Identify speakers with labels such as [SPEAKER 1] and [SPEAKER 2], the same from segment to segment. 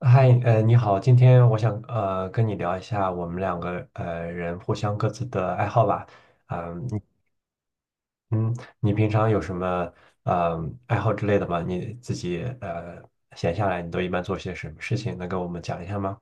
[SPEAKER 1] 嗨，你好，今天我想跟你聊一下我们两个人互相各自的爱好吧。嗯，你嗯，你平常有什么呃爱好之类的吗？你自己闲下来，你都一般做些什么事情？能跟我们讲一下吗？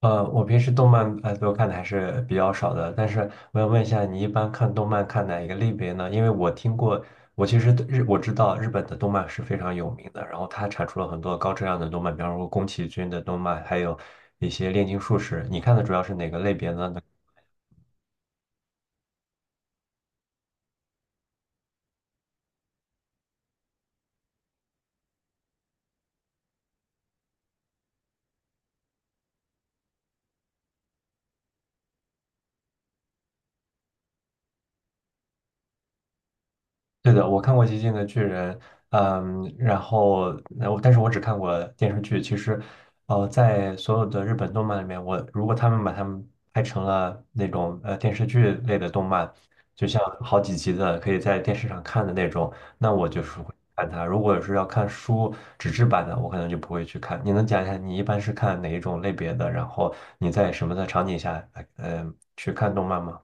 [SPEAKER 1] 我平时动漫都看的还是比较少的，但是我想问一下，你一般看动漫看哪一个类别呢？因为我听过，我其实对日我知道日本的动漫是非常有名的，然后它产出了很多高质量的动漫，比方说宫崎骏的动漫，还有一些炼金术士。你看的主要是哪个类别呢？对的，我看过《极限的巨人》。嗯，然后，然后但是我只看过电视剧。其实，在所有的日本动漫里面，如果他们把他们拍成了那种电视剧类的动漫，就像好几集的可以在电视上看的那种，那我就是会看它。如果是要看书纸质版的，我可能就不会去看。你能讲一下你一般是看哪一种类别的？然后你在什么的场景下，去看动漫吗？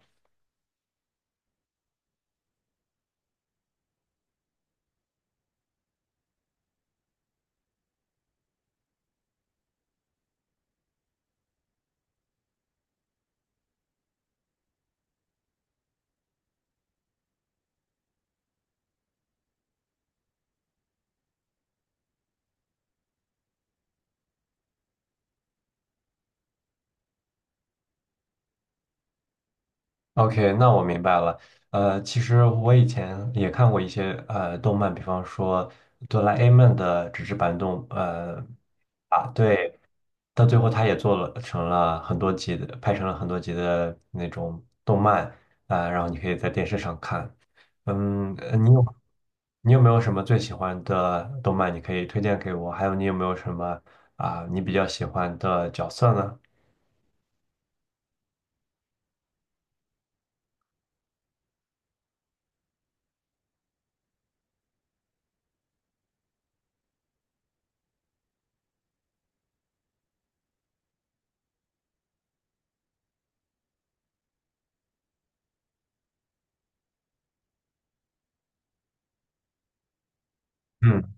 [SPEAKER 1] OK，那我明白了。其实我以前也看过一些动漫，比方说《哆啦 A 梦》的纸质版啊，对，到最后他也做了成了很多集的，拍成了很多集的那种动漫啊，然后你可以在电视上看。嗯，你有没有什么最喜欢的动漫，你可以推荐给我？还有你有没有什么啊，你比较喜欢的角色呢？嗯。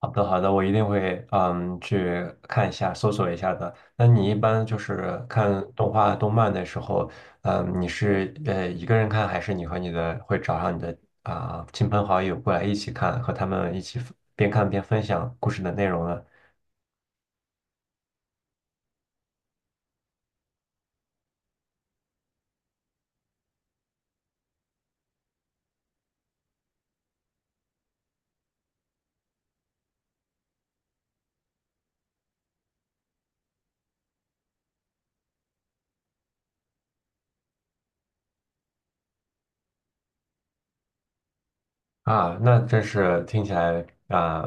[SPEAKER 1] 好的，好的，我一定会去看一下，搜索一下的。那你一般就是看动画、动漫的时候，你是一个人看，还是你和你的会找上你的亲朋好友过来一起看，和他们一起边看边分享故事的内容呢？啊，那真是听起来啊。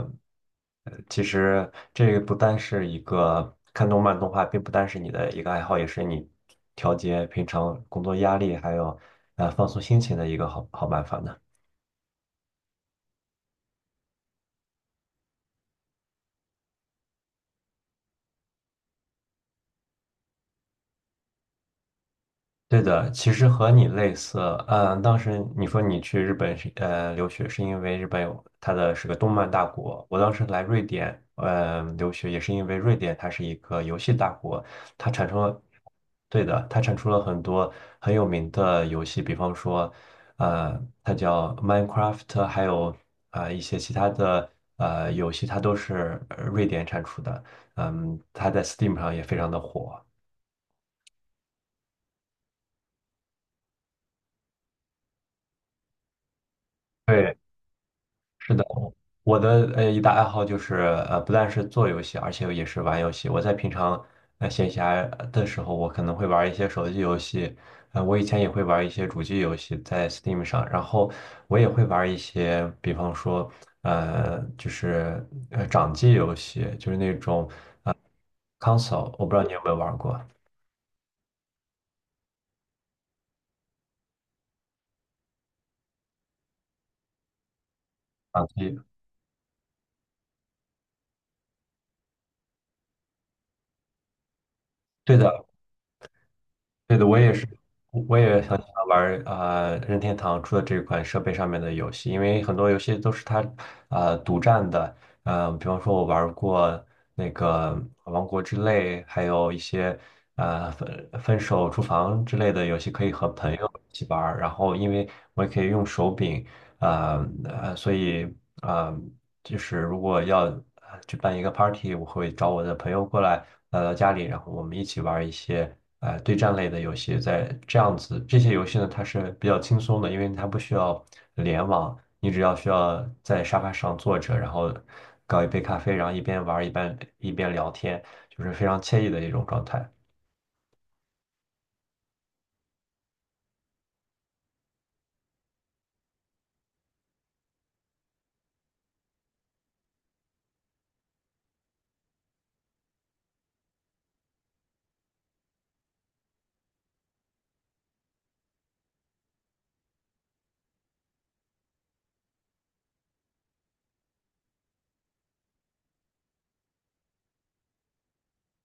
[SPEAKER 1] 其实这个不单是一个看动漫动画，并不单是你的一个爱好，也是你调节平常工作压力还有放松心情的一个好办法呢。对的，其实和你类似。当时你说你去日本是留学，是因为日本有它的是个动漫大国。我当时来瑞典，留学也是因为瑞典它是一个游戏大国。它产生了，对的，它产出了很多很有名的游戏，比方说，呃，它叫 Minecraft，还有一些其他的游戏，它都是瑞典产出的。它在 Steam 上也非常的火。对，是的。我的一大爱好就是不但是做游戏，而且也是玩游戏。我在平常闲暇的时候，我可能会玩一些手机游戏。我以前也会玩一些主机游戏在 Steam 上，然后我也会玩一些，比方说就是掌机游戏，就是那种 console，我不知道你有没有玩过掌机。对的。对的，我也是，我也很喜欢玩儿任天堂出的这款设备上面的游戏，因为很多游戏都是它独占的。比方说我玩儿过那个《王国之泪》，还有一些分手厨房之类的游戏可以和朋友一起玩儿，然后因为我也可以用手柄，所以呃就是如果要举办一个 party，我会找我的朋友过来，来到家里，然后我们一起玩一些对战类的游戏。在这样子，这些游戏呢，它是比较轻松的，因为它不需要联网，你只要需要在沙发上坐着，然后搞一杯咖啡，然后一边玩儿一边聊天，就是非常惬意的一种状态。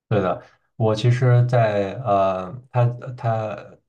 [SPEAKER 1] 对的，我其实在，它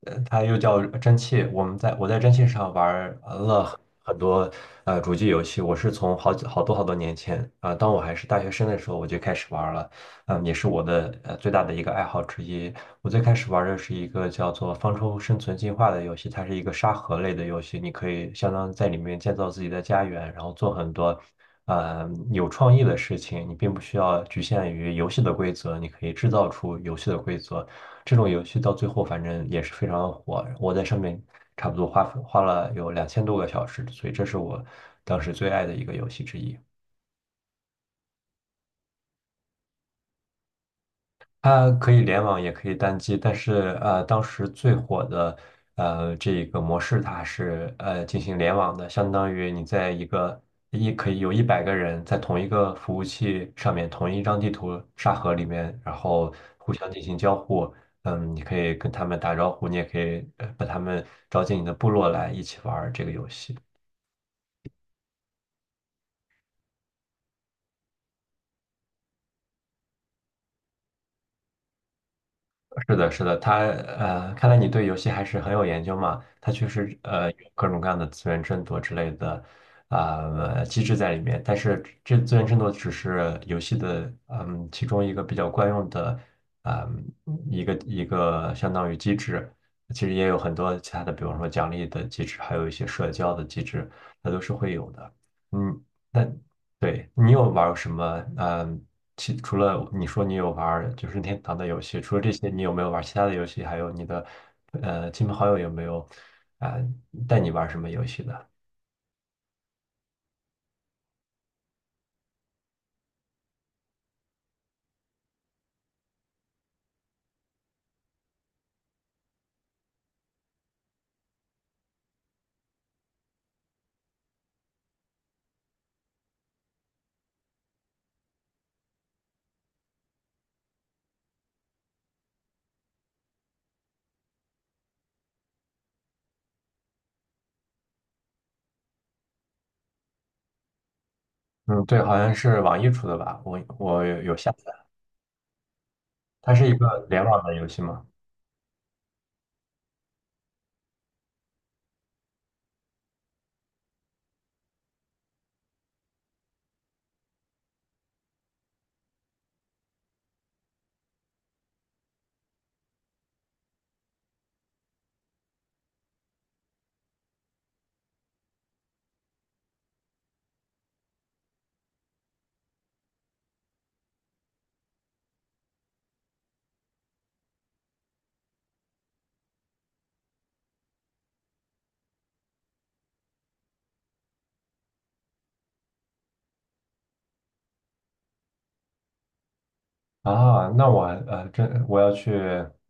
[SPEAKER 1] 它又叫蒸汽，我在蒸汽上玩儿了很多主机游戏，我是从好多好多年前当我还是大学生的时候我就开始玩儿了。也是我的最大的一个爱好之一。我最开始玩的是一个叫做《方舟生存进化》的游戏，它是一个沙盒类的游戏，你可以相当于在里面建造自己的家园，然后做很多有创意的事情。你并不需要局限于游戏的规则，你可以制造出游戏的规则。这种游戏到最后反正也是非常火，我在上面差不多花了有2,000多个小时，所以这是我当时最爱的一个游戏之一。它可以联网，也可以单机。但是当时最火的这个模式，它是进行联网的，相当于你在一个一可以有100个人在同一个服务器上面，同一张地图沙盒里面，然后互相进行交互。你可以跟他们打招呼，你也可以把他们招进你的部落来一起玩儿这个游戏。是的，是的。看来你对游戏还是很有研究嘛。它确实有各种各样的资源争夺之类的机制在里面，但是这资源争夺只是游戏的其中一个比较惯用的啊、一个相当于机制。其实也有很多其他的，比方说奖励的机制，还有一些社交的机制，它都是会有的。嗯，那对你有玩儿什么？嗯。除了你说你有玩儿就是任天堂的游戏，除了这些，你有没有玩儿其他的游戏？还有你的亲朋好友有没有啊、带你玩儿什么游戏的？嗯，对，好像是网易出的吧？我有下载，它是一个联网的游戏吗？啊，这我要去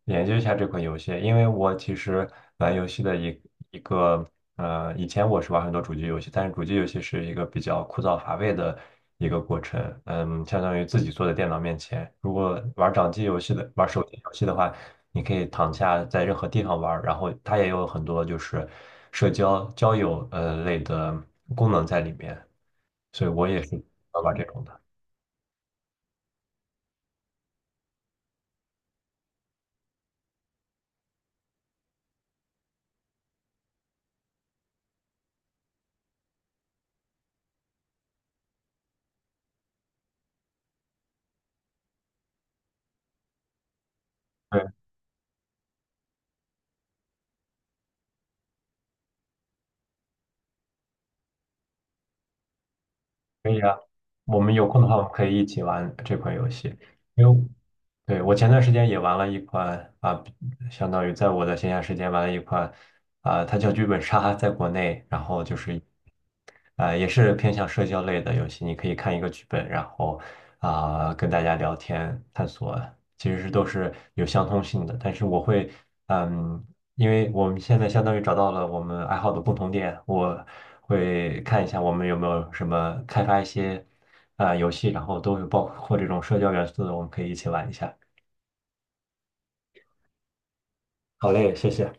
[SPEAKER 1] 研究一下这款游戏。因为我其实玩游戏的一一个呃，以前我是玩很多主机游戏，但是主机游戏是一个比较枯燥乏味的一个过程。相当于自己坐在电脑面前。如果玩掌机游戏的，玩手机游戏的话，你可以躺下在任何地方玩儿，然后它也有很多就是社交交友类的功能在里面，所以我也是玩玩这种的。可以啊，我们有空的话，我们可以一起玩这款游戏。因为，对，我前段时间也玩了一款啊，相当于在我的闲暇时间玩了一款啊，它叫剧本杀，在国内，然后就是啊，也是偏向社交类的游戏。你可以看一个剧本，然后啊，跟大家聊天探索，其实是都是有相通性的。但是我会，嗯，因为我们现在相当于找到了我们爱好的共同点，我会看一下我们有没有什么开发一些游戏，然后都有包括这种社交元素的，我们可以一起玩一下。好嘞，谢谢。